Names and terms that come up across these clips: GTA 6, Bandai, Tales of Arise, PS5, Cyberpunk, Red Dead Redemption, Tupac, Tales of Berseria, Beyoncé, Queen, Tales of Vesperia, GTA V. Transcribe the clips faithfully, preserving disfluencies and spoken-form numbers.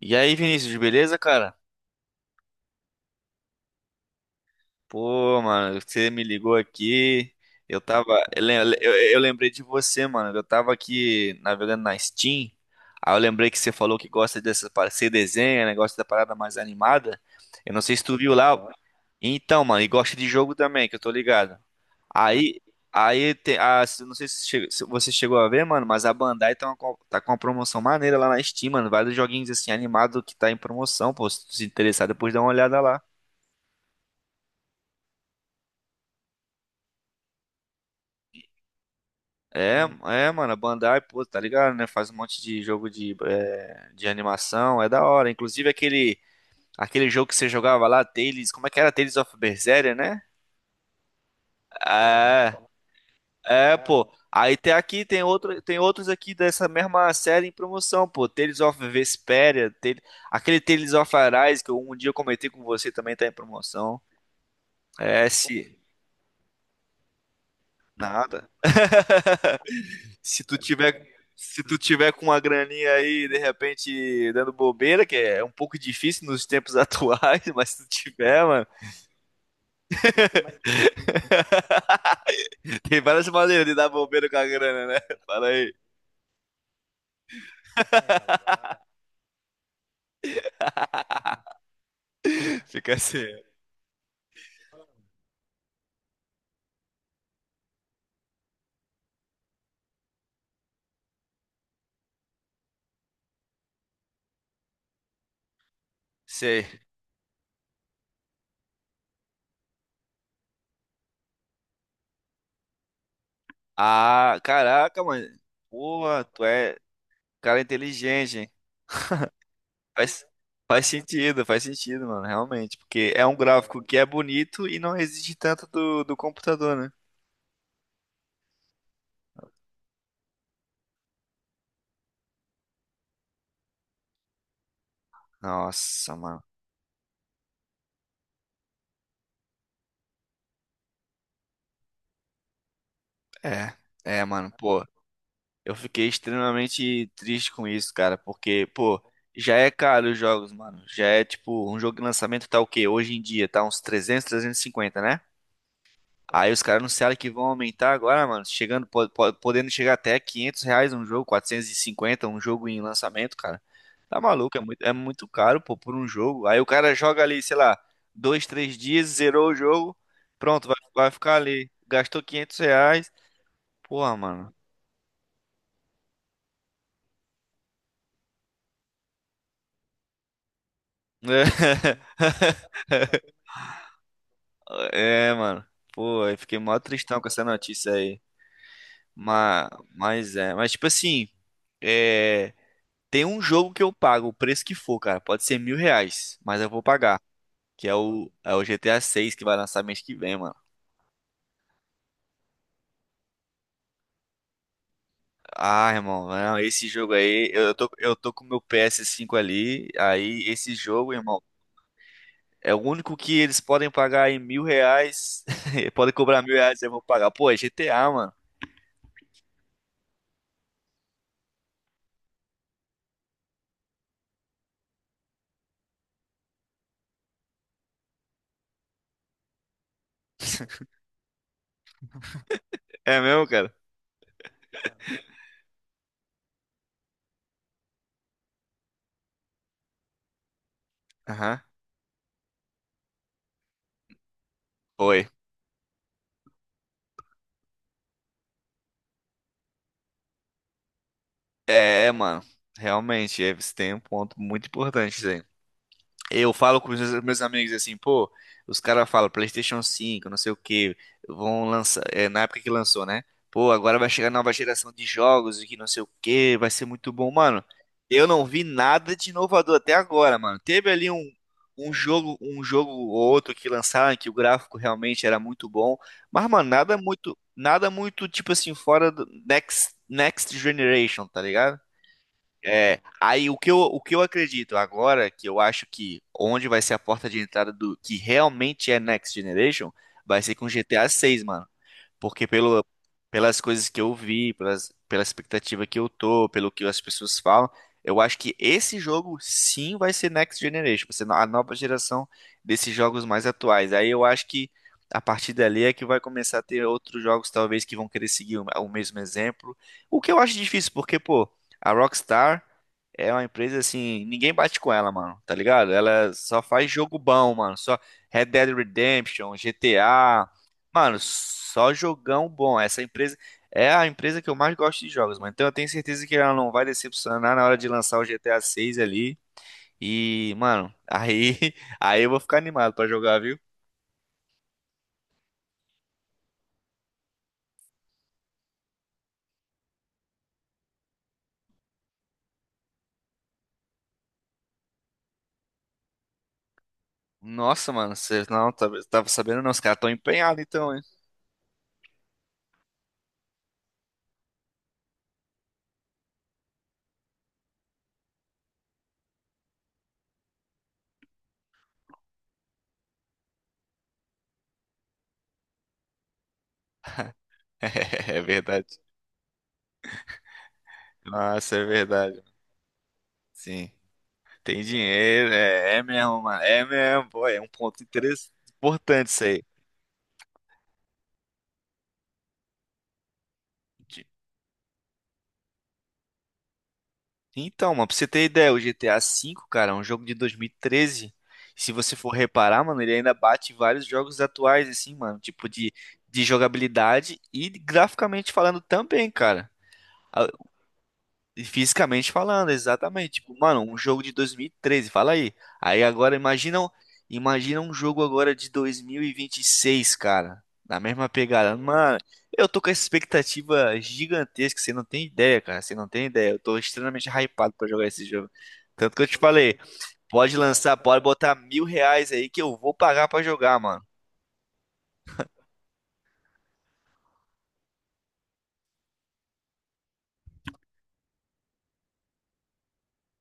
E aí, Vinícius, beleza, cara? Pô, mano, você me ligou aqui. Eu tava. Eu, lem- eu- eu lembrei de você, mano. Eu tava aqui navegando na Steam. Aí eu lembrei que você falou que gosta dessa. par- Você desenha, né? Gosta da parada mais animada. Eu não sei se tu viu lá. Então, mano, e gosta de jogo também, que eu tô ligado. Aí. Aí tem. Ah, se- não sei se, che- se você chegou a ver, mano, mas a Bandai tá, uma co- tá com uma promoção maneira lá na Steam, mano. Vários joguinhos assim animados que tá em promoção, pô. Se tu se interessar, depois dá uma olhada lá. É, é, mano, a Bandai, pô, tá ligado, né? Faz um monte de jogo de, é, de animação, é da hora. Inclusive aquele, aquele jogo que você jogava lá, Tales, como é que era? Tales of Berseria, né? É, é, pô. Aí tem aqui, tem outro, tem outros aqui dessa mesma série em promoção, pô. Tales of Vesperia, Tales- aquele Tales of Arise que eu- um dia eu comentei com você também tá em promoção. É, se... Nada. Se tu tiver, se tu tiver com uma graninha aí, de repente, dando bobeira, que é um pouco difícil nos tempos atuais, mas se tu tiver, mano. Tem várias maneiras de dar bobeira com a grana, né? Fala aí. Fica assim. Sei. Ah, caraca, mano. Porra, tu é cara inteligente, hein? Faz, faz sentido, faz sentido, mano, realmente. Porque é um gráfico que é bonito e não exige tanto do, do computador, né? Nossa, mano. É, é, mano. Pô, eu fiquei extremamente triste com isso, cara, porque, pô, já é caro os jogos, mano. Já é tipo, um jogo de lançamento tá o quê? Hoje em dia tá uns trezentos, trezentos e cinquenta, né? Aí os caras anunciaram que vão aumentar agora, mano, chegando, po- po- podendo chegar até quinhentos reais um jogo, quatrocentos e cinquenta um jogo em lançamento, cara. Tá maluco, é muito, é muito caro, pô, por um jogo. Aí o cara joga ali, sei lá, dois, três dias, zerou o jogo, pronto, vai, vai ficar ali. Gastou quinhentos reais. Porra, mano. É, mano. Pô, eu fiquei mó tristão com essa notícia aí. Mas, mas é. Mas, tipo assim, é, tem um jogo que eu pago, o preço que for, cara. Pode ser mil reais, mas eu vou pagar. Que é o, é o G T A seis que vai lançar mês que vem, mano. Ah, irmão, não, esse jogo aí, eu tô, eu tô com o meu P S cinco ali. Aí, esse jogo, irmão, é o único que eles podem pagar em mil reais. Podem cobrar mil reais, eu vou pagar. Pô, é G T A, mano. É mesmo, cara? Aham. Foi. É, mano, realmente, é, você tem um ponto muito importante, Zé. Eu falo com os meus meus amigos assim, pô, os caras falam PlayStation cinco, não sei o que, vão lançar, é, na época que lançou, né? Pô, agora vai chegar a nova geração de jogos e que não sei o que, vai ser muito bom, mano. Eu não vi nada de inovador até agora, mano. Teve ali um, um jogo, um jogo ou outro que lançaram que o gráfico realmente era muito bom, mas, mano, nada muito, nada muito tipo assim, fora do Next, Next Generation, tá ligado? É, aí o que eu, o que eu acredito agora, que eu acho que onde vai ser a porta de entrada do que realmente é Next Generation, vai ser com G T A seis, mano. Porque pelo, pelas coisas que eu vi, pelas, pela expectativa que eu tô, pelo que as pessoas falam, eu acho que esse jogo sim vai ser Next Generation, vai ser a nova geração desses jogos mais atuais. Aí eu acho que a partir dali é que vai começar a ter outros jogos, talvez, que vão querer seguir o o mesmo exemplo. O que eu acho difícil, porque, pô, a Rockstar é uma empresa assim, ninguém bate com ela, mano, tá ligado? Ela só faz jogo bom, mano. Só Red Dead Redemption, G T A. Mano, só jogão bom. Essa empresa é a empresa que eu mais gosto de jogos, mano. Então eu tenho certeza que ela não vai decepcionar na hora de lançar o G T A seis ali. E, mano, aí, aí eu vou ficar animado pra jogar, viu? Nossa, mano, você não tá- tava sabendo não, os caras tão empenhados então, hein? É verdade. Nossa, é verdade. Sim. Tem dinheiro, é, é mesmo, mano. É mesmo, pô, é um ponto interessante, importante isso aí. De- Então, mano, pra você ter ideia, o G T A cinco, cara, é um jogo de dois mil e treze. Se você for reparar, mano, ele ainda bate vários jogos atuais, assim, mano. Tipo, de, de jogabilidade e graficamente falando também, cara. E fisicamente falando, exatamente. Tipo, mano, um jogo de dois mil e treze, fala aí. Aí agora imagina, imagina um jogo agora de dois mil e vinte e seis, cara. Na mesma pegada. Mano, eu tô com essa expectativa gigantesca, você não tem ideia, cara. Você não tem ideia. Eu tô extremamente hypado pra jogar esse jogo. Tanto que eu te falei, pode lançar, pode botar mil reais aí que eu vou pagar pra jogar, mano.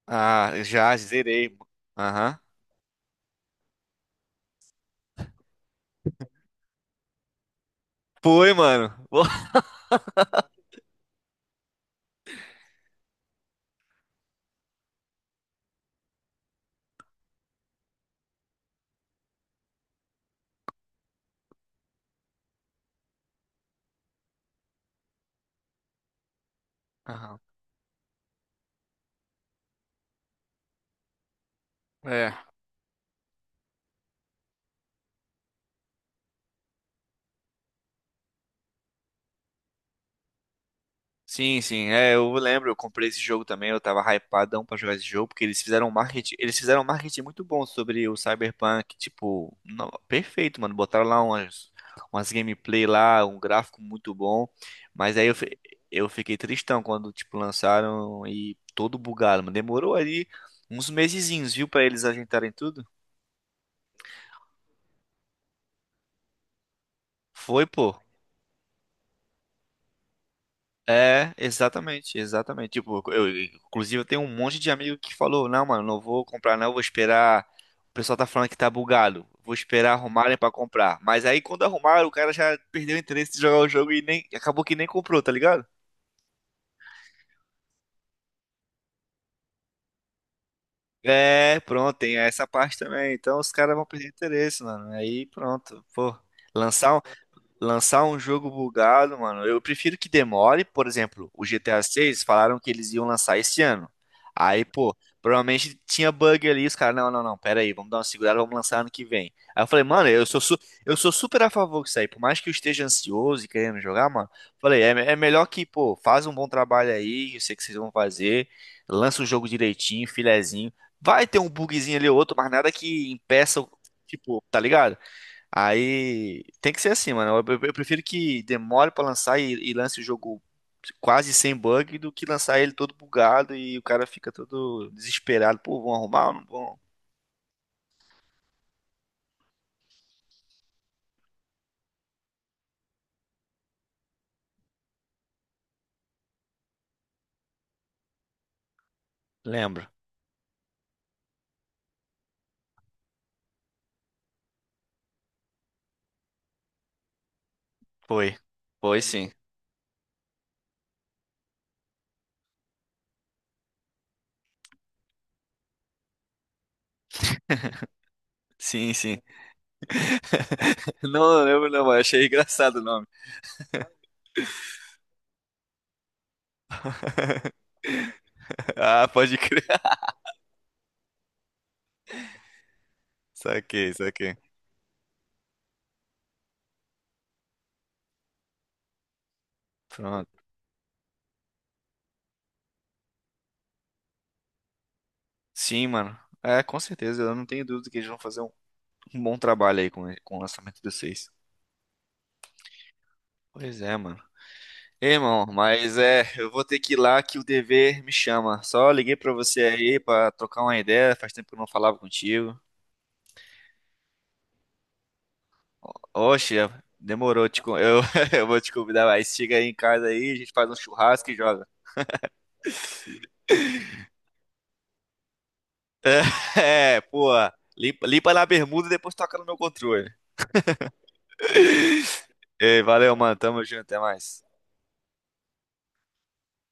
Ah, já zerei. Aham. Foi, mano. Aham. É, sim, sim, é, eu lembro, eu comprei esse jogo também, eu tava hypadão pra jogar esse jogo, porque eles fizeram um marketing, eles fizeram um marketing muito bom sobre o Cyberpunk, tipo, no- perfeito, mano, botaram lá umas, umas gameplay lá, um gráfico muito bom, mas aí eu, fi- eu fiquei tristão quando, tipo, lançaram e todo bugado, mano, demorou ali uns mesezinhos, viu, pra eles ajeitarem tudo? Foi, pô. É, exatamente, exatamente. Tipo, eu, inclusive eu tenho um monte de amigo que falou, não, mano, não vou comprar não, vou esperar. O pessoal tá falando que tá bugado. Vou esperar arrumarem pra comprar. Mas aí quando arrumaram, o cara já perdeu o interesse de jogar o jogo e nem acabou que nem comprou, tá ligado? É, pronto, tem essa parte também. Então os caras vão perder interesse, mano. Aí pronto, pô. Lançar lançar um jogo bugado, mano, eu prefiro que demore. Por exemplo, o G T A seis falaram que eles iam lançar esse ano. Aí, pô, provavelmente tinha bug ali, os caras, não, não, não, pera aí, vamos dar uma segurada, vamos lançar ano que vem. Aí eu falei, mano, eu sou, su- eu sou super a favor disso aí, por mais que eu esteja ansioso e querendo jogar, mano, falei, é, é melhor que, pô, faz um bom trabalho aí, eu sei que vocês vão fazer, lança o jogo direitinho, filezinho, vai ter um bugzinho ali ou outro, mas nada que impeça, o- tipo, tá ligado? Aí tem que ser assim, mano. Eu, eu- eu prefiro que demore pra lançar e, e lance o jogo quase sem bug do que lançar ele todo bugado e o cara fica todo desesperado. Pô, vão arrumar ou não vão? Lembro. Foi. Foi sim. Sim, sim. Não, não lembro não, mas achei engraçado o nome. Ah, pode crer. Saquei, saquei. Pronto. Sim, mano. É, com certeza. Eu não tenho dúvida que eles vão fazer um, um bom trabalho aí com, com o lançamento do seis. Pois é, mano. Ei, irmão, mas é, eu vou ter que ir lá que o dever me chama. Só liguei pra você aí pra trocar uma ideia, faz tempo que eu não falava contigo. Oxe, demorou, te, con- eu, eu vou te convidar mais. Chega aí em casa aí, a gente faz um churrasco e joga. É, pô, limpa, limpa na bermuda e depois toca no meu controle. Ei, valeu, mano, tamo junto, até mais.